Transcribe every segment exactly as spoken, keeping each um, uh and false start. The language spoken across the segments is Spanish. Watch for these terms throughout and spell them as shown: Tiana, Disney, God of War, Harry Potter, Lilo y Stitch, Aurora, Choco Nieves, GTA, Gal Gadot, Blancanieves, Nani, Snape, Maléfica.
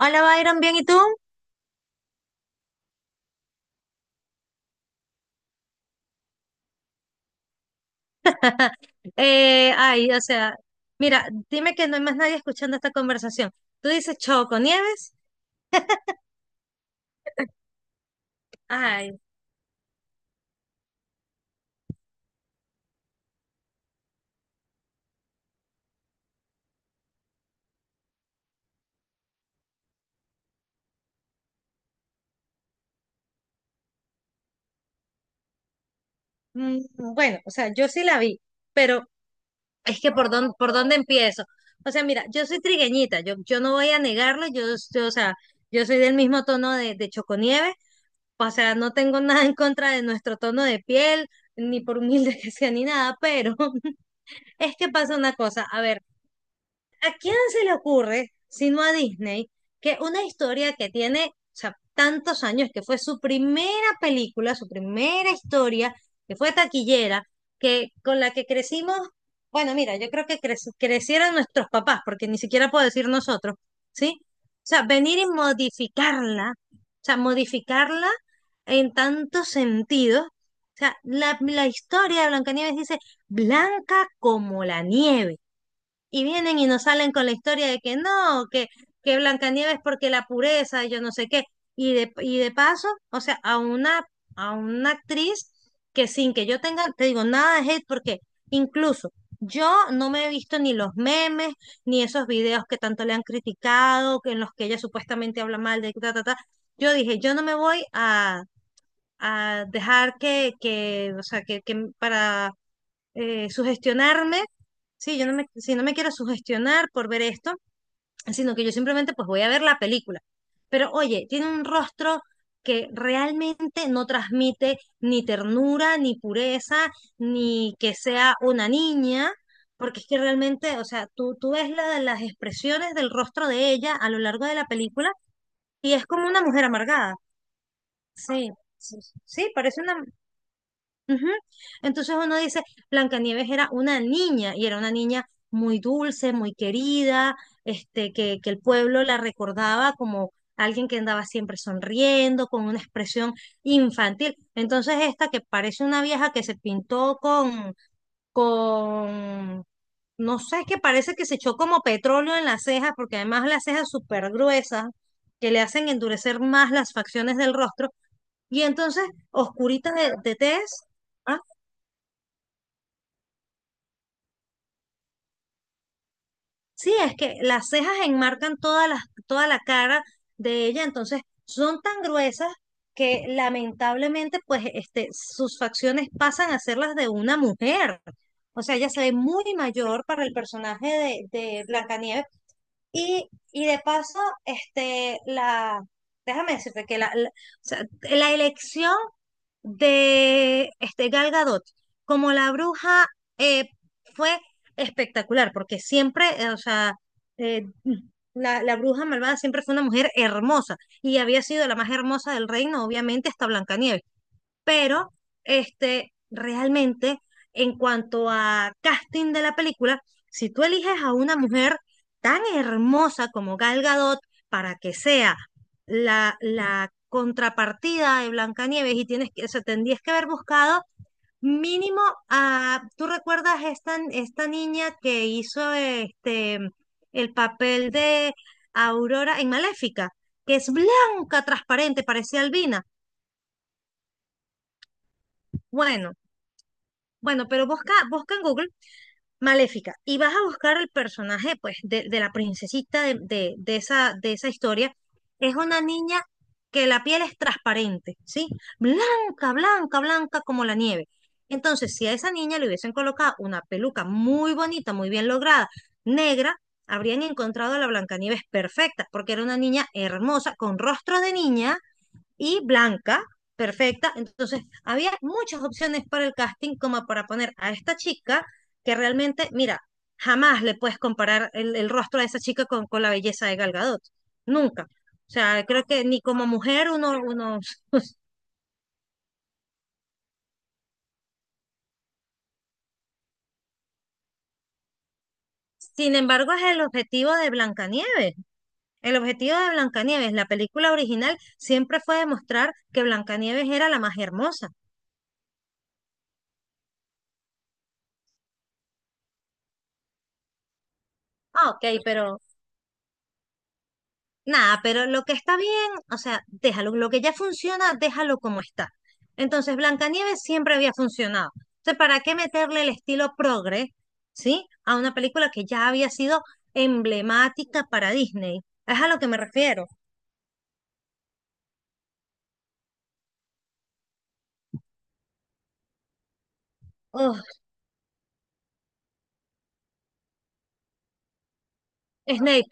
Hola, Byron, ¿bien y tú? Eh, ay, o sea, mira, dime que no hay más nadie escuchando esta conversación. Tú dices Choco Nieves. Ay, mm, bueno, o sea, yo sí la vi, pero es que por dónde, por dónde empiezo. O sea, mira, yo soy trigueñita, yo, yo no voy a negarlo, yo, yo, o sea, yo soy del mismo tono de, de Choco Nieves, o sea, no tengo nada en contra de nuestro tono de piel, ni por humilde que sea, ni nada, pero es que pasa una cosa, a ver. ¿A quién se le ocurre, sino a Disney, que una historia que tiene, o sea, tantos años, que fue su primera película, su primera historia, que fue taquillera, que con la que crecimos? Bueno, mira, yo creo que creci- crecieron nuestros papás, porque ni siquiera puedo decir nosotros, ¿sí? O sea, venir y modificarla, o sea, modificarla en tantos sentidos. O sea, la, la historia de Blancanieves dice, blanca como la nieve, y vienen y nos salen con la historia de que no, que, que Blancanieves porque la pureza, yo no sé qué. Y de, y de paso, o sea, a una, a una actriz que sin que yo tenga, te digo, nada de hate, porque incluso yo no me he visto ni los memes, ni esos videos que tanto le han criticado, que en los que ella supuestamente habla mal de ta, ta, ta. Yo dije, yo no me voy a, a dejar que, que, o sea, que, que para eh, sugestionarme, sí, yo no me, si no me quiero sugestionar por ver esto, sino que yo simplemente pues voy a ver la película. Pero oye, tiene un rostro que realmente no transmite ni ternura, ni pureza, ni que sea una niña, porque es que realmente, o sea, tú, tú ves la, las expresiones del rostro de ella a lo largo de la película y es como una mujer amargada. Sí, sí, sí, sí, parece una, ujú. Entonces uno dice, Blancanieves era una niña y era una niña muy dulce, muy querida, este, que, que el pueblo la recordaba como alguien que andaba siempre sonriendo, con una expresión infantil. Entonces esta que parece una vieja que se pintó con, con, no sé, que parece que se echó como petróleo en las cejas, porque además las cejas súper gruesas, que le hacen endurecer más las facciones del rostro, y entonces oscurita de, de tez. Sí, es que las cejas enmarcan toda la, toda la cara de ella, entonces son tan gruesas que lamentablemente pues este, sus facciones pasan a ser las de una mujer. O sea, ella se ve muy mayor para el personaje de, de Blancanieves y, y de paso, este, la, déjame decirte que la, la- o sea, la elección de este, Gal Gadot como la bruja eh, fue espectacular, porque siempre, eh, o sea, eh, la, la bruja malvada siempre fue una mujer hermosa y había sido la más hermosa del reino, obviamente, hasta Blancanieves, pero este, realmente en cuanto a casting de la película, si tú eliges a una mujer tan hermosa como Gal Gadot para que sea la, la contrapartida de Blancanieves, y tienes que, o sea, tendrías que haber buscado mínimo a, ¿tú recuerdas esta, esta niña que hizo este el papel de Aurora en Maléfica? Que es blanca, transparente, parecía albina. Bueno, Bueno, pero busca, busca en Google Maléfica y vas a buscar el personaje, pues, de, de la princesita de, de- de esa, de esa historia. Es una niña que la piel es transparente, ¿sí? Blanca, blanca, blanca como la nieve. Entonces, si a esa niña le hubiesen colocado una peluca muy bonita, muy bien lograda, negra, habrían encontrado a la Blancanieves perfecta, porque era una niña hermosa, con rostro de niña, y blanca, perfecta. Entonces, había muchas opciones para el casting como para poner a esta chica que realmente, mira, jamás le puedes comparar el, el rostro de esa chica con, con la belleza de Gal Gadot. Nunca. O sea, creo que ni como mujer uno, uno... Sin embargo, es el objetivo de Blancanieves. El objetivo de Blancanieves, la película original, siempre fue demostrar que Blancanieves era la más hermosa. Ah, ok, pero nada, pero lo que está bien, o sea, déjalo. Lo que ya funciona, déjalo como está. Entonces, Blancanieves siempre había funcionado. Entonces, ¿para qué meterle el estilo progre? ¿Sí? A una película que ya había sido emblemática para Disney. Es a lo que me refiero. Ugh, Snape.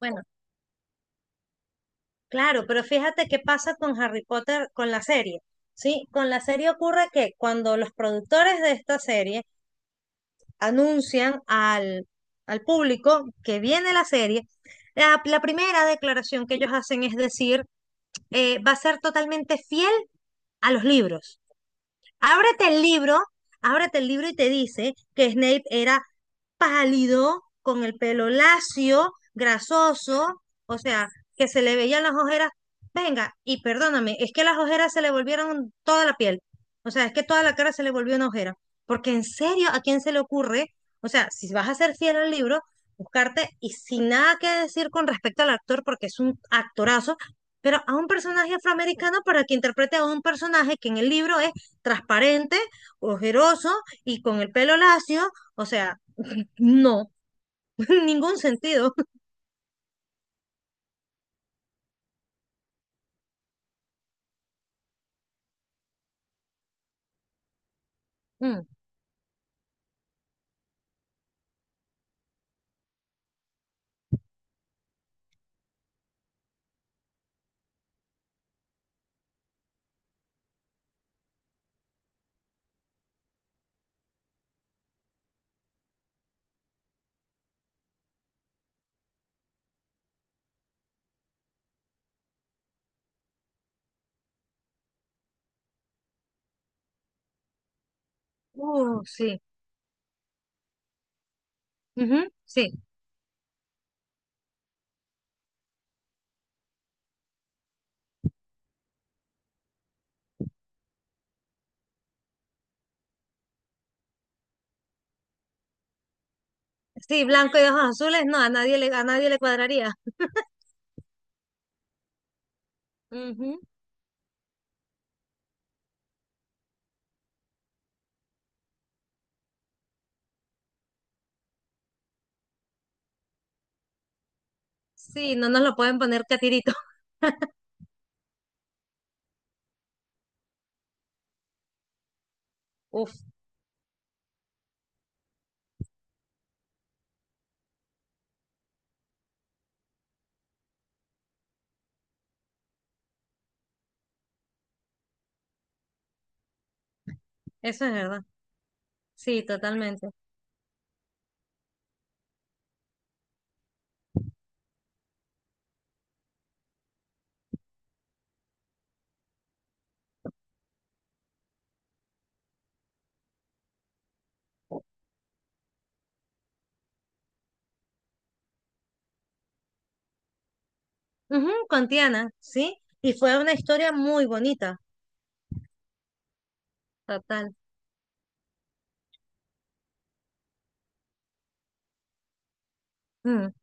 Bueno, claro, pero fíjate qué pasa con Harry Potter, con la serie. Sí, con la serie ocurre que cuando los productores de esta serie anuncian al, al público que viene la serie, la, la primera declaración que ellos hacen es decir, eh, va a ser totalmente fiel a los libros. Ábrete el libro, ábrete el libro y te dice que Snape era pálido, con el pelo lacio, grasoso, o sea, que se le veían las ojeras. Venga, y perdóname, es que las ojeras se le volvieron toda la piel. O sea, es que toda la cara se le volvió una ojera. Porque en serio, ¿a quién se le ocurre? O sea, si vas a ser fiel al libro, buscarte y sin nada que decir con respecto al actor, porque es un actorazo, pero a un personaje afroamericano para que interprete a un personaje que en el libro es transparente, ojeroso y con el pelo lacio, o sea, no, ningún sentido. Mm, uh, sí, ujú, sí. Sí, blanco y ojos azules, no, a nadie le, a nadie le cuadraría. Ujú. Sí, no nos lo pueden poner catirito. Uf. Eso es verdad. Sí, totalmente. Ujú, con Tiana, sí. Y fue una historia muy bonita, total. Mm.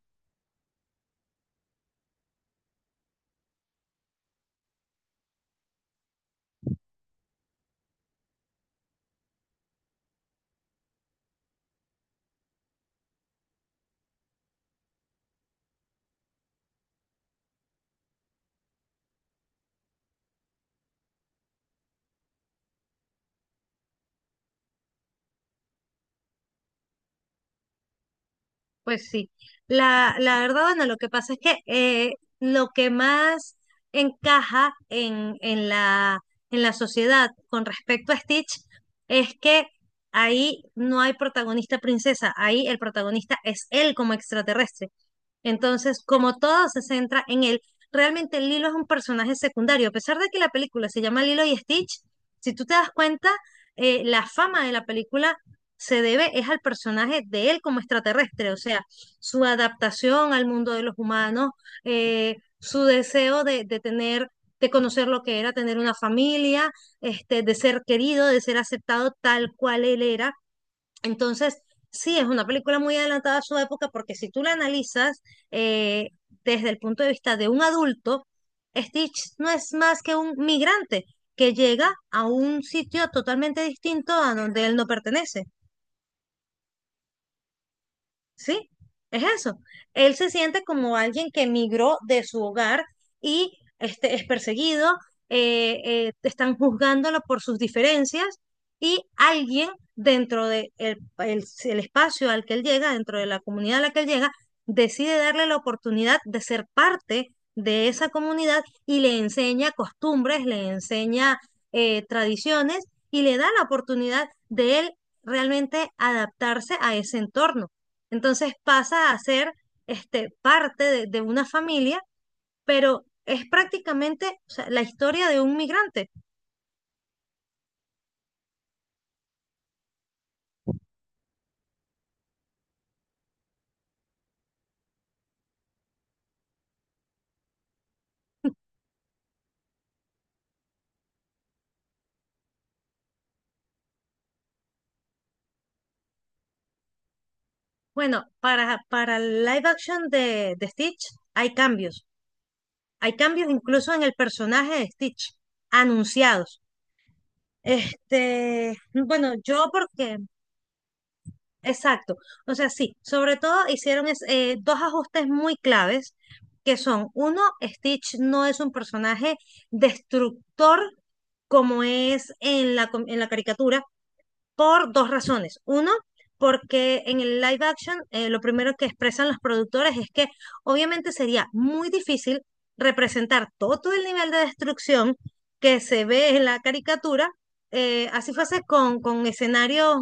Pues sí, la, la verdad, bueno, lo que pasa es que eh, lo que más encaja en, en la, en la sociedad con respecto a Stitch es que ahí no hay protagonista princesa, ahí el protagonista es él como extraterrestre. Entonces, como todo se centra en él, realmente Lilo es un personaje secundario. A pesar de que la película se llama Lilo y Stitch, si tú te das cuenta, eh, la fama de la película se debe es al personaje de él como extraterrestre, o sea, su adaptación al mundo de los humanos, eh, su deseo de, de tener, de conocer lo que era tener una familia, este, de ser querido, de ser aceptado tal cual él era, entonces, sí, es una película muy adelantada a su época porque si tú la analizas eh, desde el punto de vista de un adulto, Stitch no es más que un migrante que llega a un sitio totalmente distinto a donde él no pertenece. Sí, es eso. Él se siente como alguien que emigró de su hogar y este, es perseguido, eh, eh, están juzgándolo por sus diferencias y alguien dentro de el, el- el espacio al que él llega, dentro de la comunidad a la que él llega, decide darle la oportunidad de ser parte de esa comunidad y le enseña costumbres, le enseña eh, tradiciones y le da la oportunidad de él realmente adaptarse a ese entorno. Entonces pasa a ser este, parte de, de una familia, pero es prácticamente, o sea, la historia de un migrante. Bueno, para, para el live action de, de Stitch hay cambios. Hay cambios incluso en el personaje de Stitch, anunciados. Este, bueno, yo porque exacto. O sea, sí, sobre todo hicieron es- eh, dos ajustes muy claves, que son, uno, Stitch no es un personaje destructor como es en la, com- en la caricatura, por dos razones. Uno, porque en el live action eh, lo primero que expresan los productores es que obviamente sería muy difícil representar todo todo el nivel de destrucción que se ve en la caricatura, eh, así fuese con, con escenarios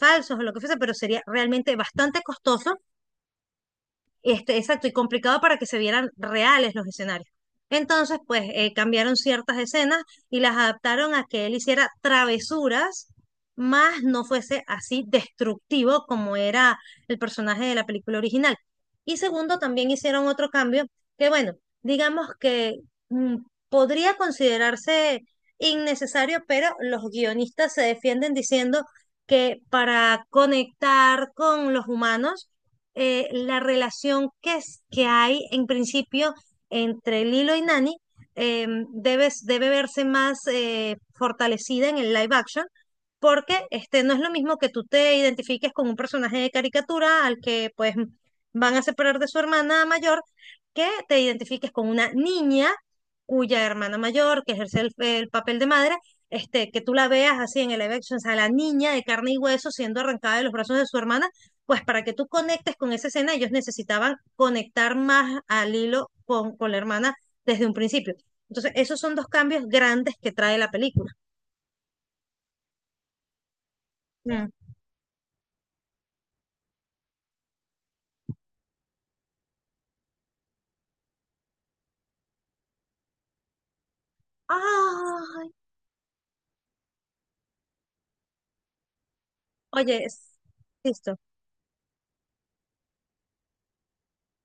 falsos o lo que fuese, pero sería realmente bastante costoso este, exacto, y complicado para que se vieran reales los escenarios. Entonces, pues eh, cambiaron ciertas escenas y las adaptaron a que él hiciera travesuras, más no fuese así destructivo como era el personaje de la película original. Y segundo, también hicieron otro cambio que, bueno, digamos que mm, podría considerarse innecesario, pero los guionistas se defienden diciendo que para conectar con los humanos, eh, la relación que, es, que hay en principio entre Lilo y Nani eh, debe, debe verse más eh, fortalecida en el live action, porque este, no es lo mismo que tú te identifiques con un personaje de caricatura al que pues van a separar de su hermana mayor, que te identifiques con una niña cuya hermana mayor, que ejerce el, el papel de madre, este, que tú la veas así en el live action, o sea, la niña de carne y hueso siendo arrancada de los brazos de su hermana, pues para que tú conectes con esa escena, ellos necesitaban conectar más al hilo con, con la hermana desde un principio. Entonces, esos son dos cambios grandes que trae la película. Mm. Ay, oye, es- listo.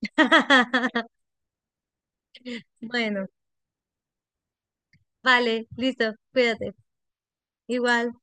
Bueno, vale, listo, cuídate. Igual.